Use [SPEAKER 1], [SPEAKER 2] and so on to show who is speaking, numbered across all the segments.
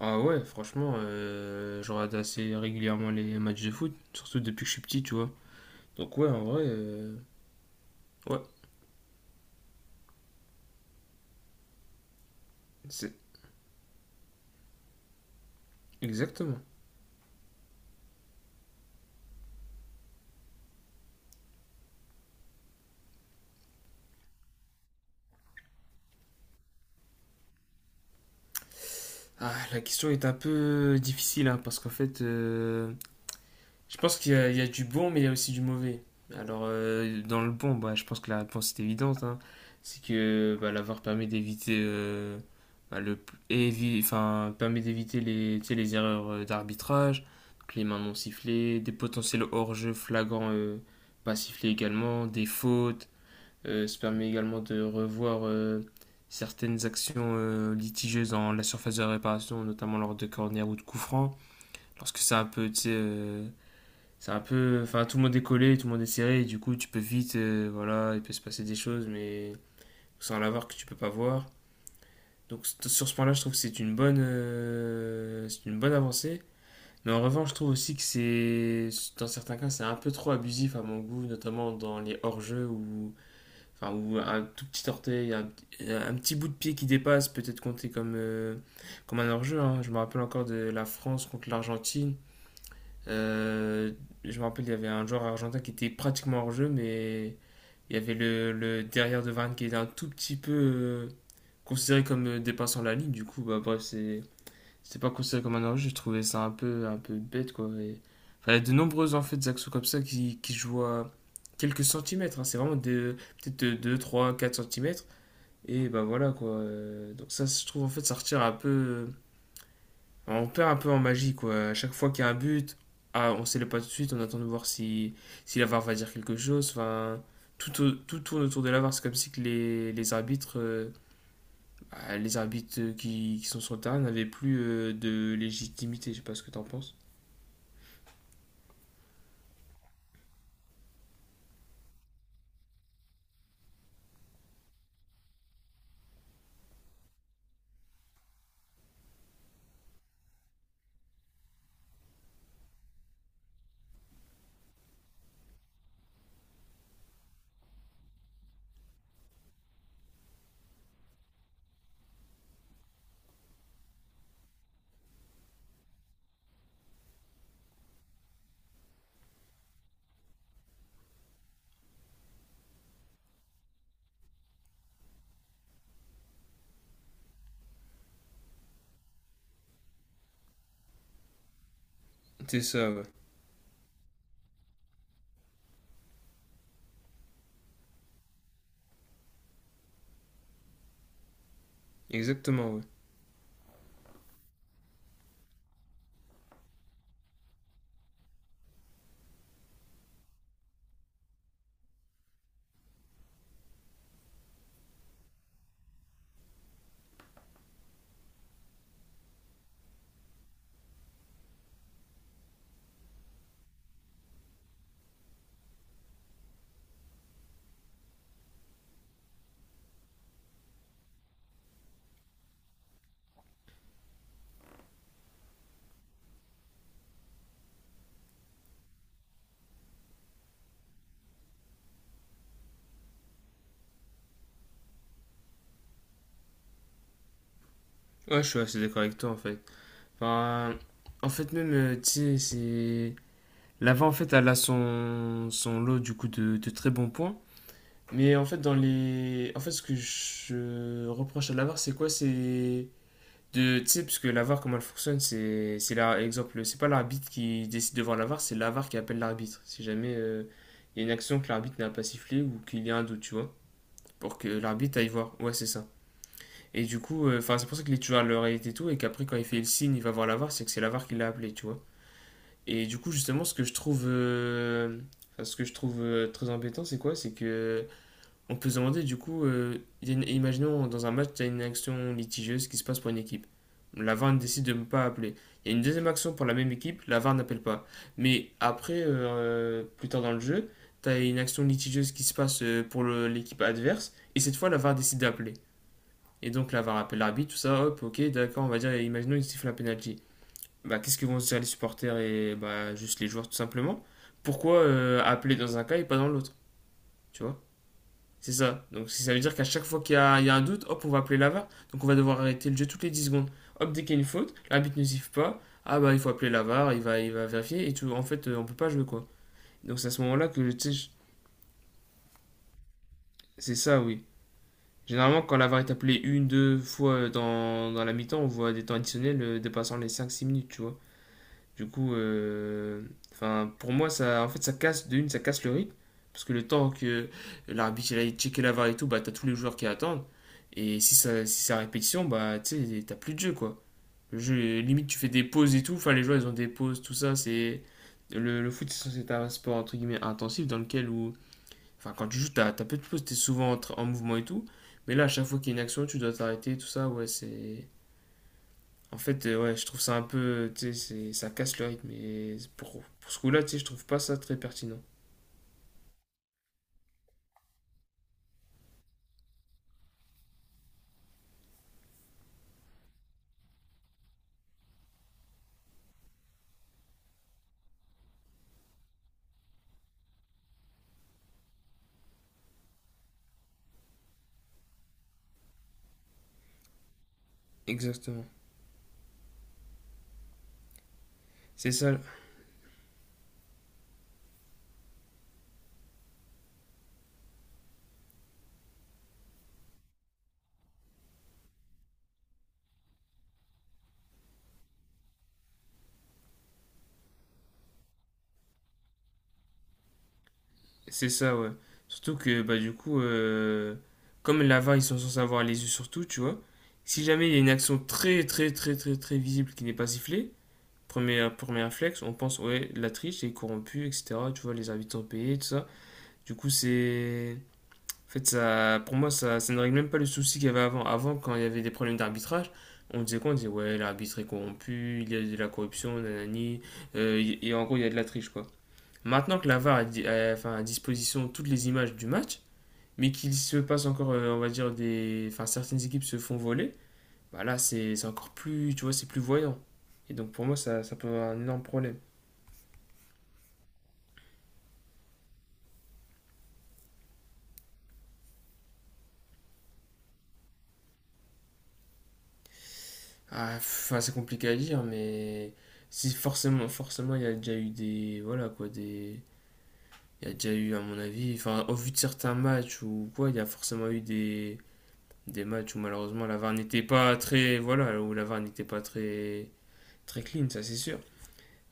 [SPEAKER 1] Ah ouais, franchement, je regarde assez régulièrement les matchs de foot, surtout depuis que je suis petit, tu vois. Donc ouais, en vrai, ouais, c'est exactement. Ah, la question est un peu difficile, hein, parce qu'en fait, je pense qu'il y a du bon, mais il y a aussi du mauvais. Alors, dans le bon, bah, je pense que la réponse est évidente, hein. C'est que bah, l'avoir permet d'éviter, bah, le enfin, permet d'éviter les, tu sais, les erreurs, d'arbitrage, donc les mains non sifflées, des potentiels hors-jeu flagrants, pas sifflés également, des fautes. Ça permet également de revoir, certaines actions, litigieuses dans la surface de réparation, notamment lors de corner ou de coup franc, lorsque c'est un peu, tu sais, c'est un peu. Enfin, tout le monde est collé, tout le monde est serré, et du coup, tu peux vite, voilà, il peut se passer des choses, mais sans l'avoir que tu peux pas voir. Donc, sur ce point-là, je trouve que c'est une bonne avancée. Mais en revanche, je trouve aussi que c'est, dans certains cas, c'est un peu trop abusif à mon goût, notamment dans les hors-jeux où, enfin, où un tout petit orteil, un petit bout de pied qui dépasse peut être compté comme un hors-jeu, hein. Je me rappelle encore de la France contre l'Argentine, euh, je me rappelle, il y avait un joueur argentin qui était pratiquement hors jeu, mais il y avait le derrière de Varane qui était un tout petit peu, considéré comme, dépassant la ligne. Du coup, bah, bref, c'est pas considéré comme un hors jeu. Je trouvais ça un peu bête, quoi. Enfin, il y a de nombreuses en fait actions comme ça qui jouent à quelques centimètres, hein. C'est vraiment peut-être 2, 3, 4 centimètres. Et bah voilà, quoi. Donc ça, je trouve en fait, ça retire un peu, enfin, on perd un peu en magie, quoi. À chaque fois qu'il y a un but, ah, on célèbre pas tout de suite, on attend de voir si, si la VAR va dire quelque chose. Enfin, tout tourne autour de la VAR. C'est comme si que les arbitres qui sont sur le terrain n'avaient plus, de légitimité. Je sais pas ce que t'en penses. C'est ça, ouais. Exactement, ouais. Ouais, je suis assez d'accord avec toi, en fait. Enfin, en fait, même, tu sais, l'avant en fait, elle a son lot, du coup, de très bons points. Mais en fait, dans les. en fait, ce que je reproche à l'avare, c'est quoi? C'est de... Tu sais, parce que l'avare, comment elle fonctionne, C'est là, exemple, c'est pas l'arbitre qui décide devant l'avare, c'est l'avare qui appelle l'arbitre. Si jamais, il y a une action que l'arbitre n'a pas sifflée ou qu'il y a un doute, tu vois. Pour que l'arbitre aille voir. Ouais, c'est ça. Et du coup, enfin, c'est pour ça qu'il est toujours à l'oreillette et tout, et qu'après, quand il fait le signe, il va voir l'avare, c'est que c'est l'avare qui l'a appelé, tu vois. Et du coup, justement, ce que je trouve, très embêtant, c'est quoi? C'est que. On peut se demander du coup, imaginons dans un match, il y a une action litigieuse qui se passe pour une équipe. La VAR décide de ne pas appeler. Il y a une deuxième action pour la même équipe, la VAR n'appelle pas. Mais après, plus tard dans le jeu, tu as une action litigieuse qui se passe, l'équipe adverse, et cette fois, la VAR décide d'appeler. Et donc la VAR appelle l'arbitre, tout ça, hop, ok, d'accord, on va dire, imaginons, il siffle un penalty. Bah, qu'est-ce que vont se dire les supporters et bah, juste les joueurs, tout simplement? Pourquoi, appeler dans un cas et pas dans l'autre? Tu vois, c'est ça. Donc si ça veut dire qu'à chaque fois qu'il y a un doute, hop, on va appeler l'avare. Donc on va devoir arrêter le jeu toutes les 10 secondes. Hop, dès qu'il y a une faute, l'arbitre ne siffle pas. Ah bah il faut appeler l'avare, il va vérifier et tout. En fait, on peut pas jouer, quoi. Donc c'est à ce moment-là que tu sais, c'est ça, oui. Généralement, quand l'avare est appelé une, deux fois, dans la mi-temps, on voit des temps additionnels, dépassant les 5 6 minutes, tu vois. Du coup, enfin, pour moi, ça, en fait, ça casse, de une, ça casse le rythme. Parce que le temps que l'arbitre il aille checker la VAR et tout, bah, t'as tous les joueurs qui attendent. Et si c'est à répétition, bah, tu sais, t'as plus de jeu, quoi. Le jeu, limite, tu fais des pauses et tout. Enfin, les joueurs, ils ont des pauses, tout ça. C'est le foot, c'est censé être un sport, entre guillemets, intensif, dans lequel, où, enfin, quand tu joues, t'as peu de pauses, t'es souvent en mouvement et tout. Mais là, à chaque fois qu'il y a une action, tu dois t'arrêter, tout ça. Ouais, c'est. en fait, ouais, je trouve ça un peu, tu sais, ça casse le rythme. Et pour ce coup-là, tu sais, je trouve pas ça très pertinent. Exactement. C'est ça, c'est ça, ouais. Surtout que, bah, du coup, comme la VAR, ils sont censés avoir les yeux sur tout, tu vois. Si jamais il y a une action très, très, très, très, très visible qui n'est pas sifflée, premier, premier réflexe, on pense, ouais, la triche est corrompue, etc. Tu vois, les arbitres sont payés, tout ça. Du coup, c'est en fait, ça, pour moi, ça ne règle même pas le souci qu'il y avait avant. Avant, quand il y avait des problèmes d'arbitrage, on disait quoi? On disait, ouais, l'arbitre est corrompu, il y a de la corruption, nanani, et en gros, il y a de la triche, quoi. Maintenant que la VAR a, R a, di- a- enfin, à disposition toutes les images du match, mais qu'il se passe encore, on va dire, enfin, certaines équipes se font voler, bah là, c'est encore plus, tu vois, c'est plus voyant. Et donc, pour moi, ça peut avoir un énorme problème. Ah, enfin, c'est compliqué à dire, mais si forcément, forcément, il y a déjà eu des, voilà, quoi, des il y a déjà eu, à mon avis, enfin, au vu de certains matchs ou quoi, il y a forcément eu des matchs où malheureusement la VAR n'était pas très, voilà, où la VAR n'était pas très, très clean, ça c'est sûr.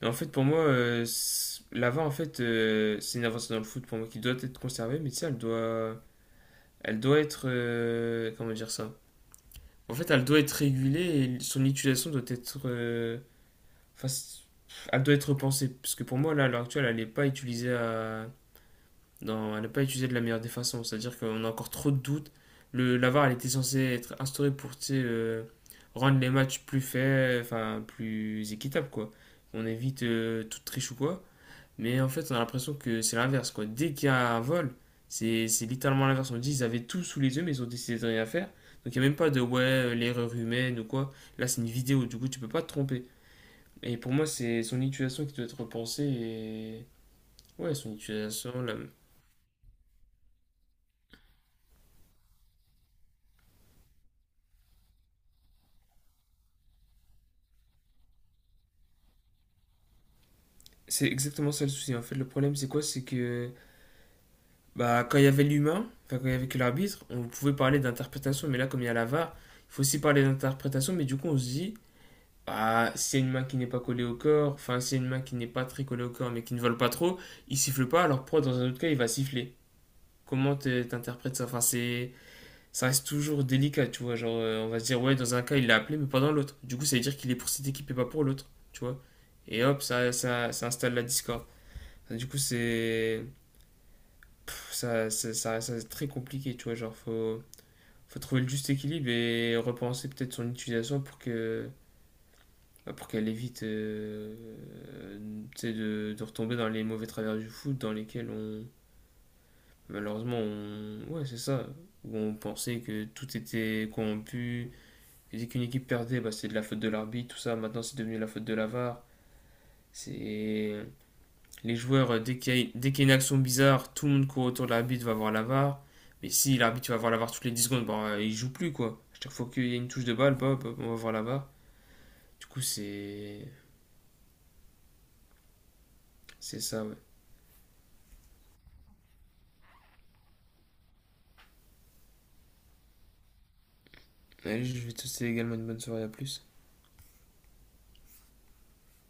[SPEAKER 1] Mais en fait, pour moi, la VAR, en fait, c'est une avancée dans le foot pour moi qui doit être conservée, mais tu sais, elle doit, être, comment dire ça? En fait, elle doit être régulée et son utilisation doit être, enfin, elle doit être repensée, parce que pour moi, là, à l'heure actuelle, elle n'est pas utilisée à non, elle n'est pas utilisée de la meilleure des façons. C'est-à-dire qu'on a encore trop de doutes. La VAR, elle était censée être instaurée pour, tu sais, rendre les matchs plus faits, enfin plus équitables, quoi. On évite, toute triche ou quoi. Mais en fait, on a l'impression que c'est l'inverse, quoi. Dès qu'il y a un vol, c'est littéralement l'inverse. On dit ils avaient tout sous les yeux, mais ils ont décidé de rien faire. Donc il n'y a même pas de ouais, l'erreur humaine ou quoi. Là, c'est une vidéo, du coup, tu peux pas te tromper. Et pour moi, c'est son utilisation qui doit être repensée. Et... ouais, son utilisation, c'est exactement ça le souci. En fait, le problème, c'est quoi? C'est que bah, quand il y avait l'humain, enfin, quand il y avait que l'arbitre, on pouvait parler d'interprétation, mais là, comme il y a la VAR, il faut aussi parler d'interprétation, mais du coup, on se dit, bah, s'il y a une main qui n'est pas collée au corps, enfin, s'il y a une main qui n'est pas très collée au corps, mais qui ne vole pas trop, il siffle pas, alors pourquoi dans un autre cas, il va siffler? Comment t'interprètes ça? Enfin, c'est... ça reste toujours délicat, tu vois. Genre, on va se dire, ouais, dans un cas, il l'a appelé, mais pas dans l'autre. Du coup, ça veut dire qu'il est pour cette équipe et pas pour l'autre, tu vois. Et hop, ça installe la discorde. Enfin, du coup, ça reste très compliqué, tu vois, genre faut trouver le juste équilibre et repenser peut-être son utilisation pour que bah, pour qu'elle évite, tu sais, de retomber dans les mauvais travers du foot dans lesquels on ouais c'est ça, où on pensait que tout était corrompu et dès qu'une équipe perdait bah, c'est de la faute de l'arbitre, tout ça, maintenant c'est devenu la faute de la VAR. C'est Les joueurs, dès qu'il y a une action bizarre, tout le monde court autour de l'arbitre, va voir la VAR. Mais si l'arbitre va voir la VAR toutes les 10 secondes, bah, il joue plus, quoi. À chaque fois qu'il y a une touche de balle, bah, bah, on va voir la VAR. Du coup, c'est. C'est ça, ouais. Allez, je vais te souhaiter également une bonne soirée, à plus.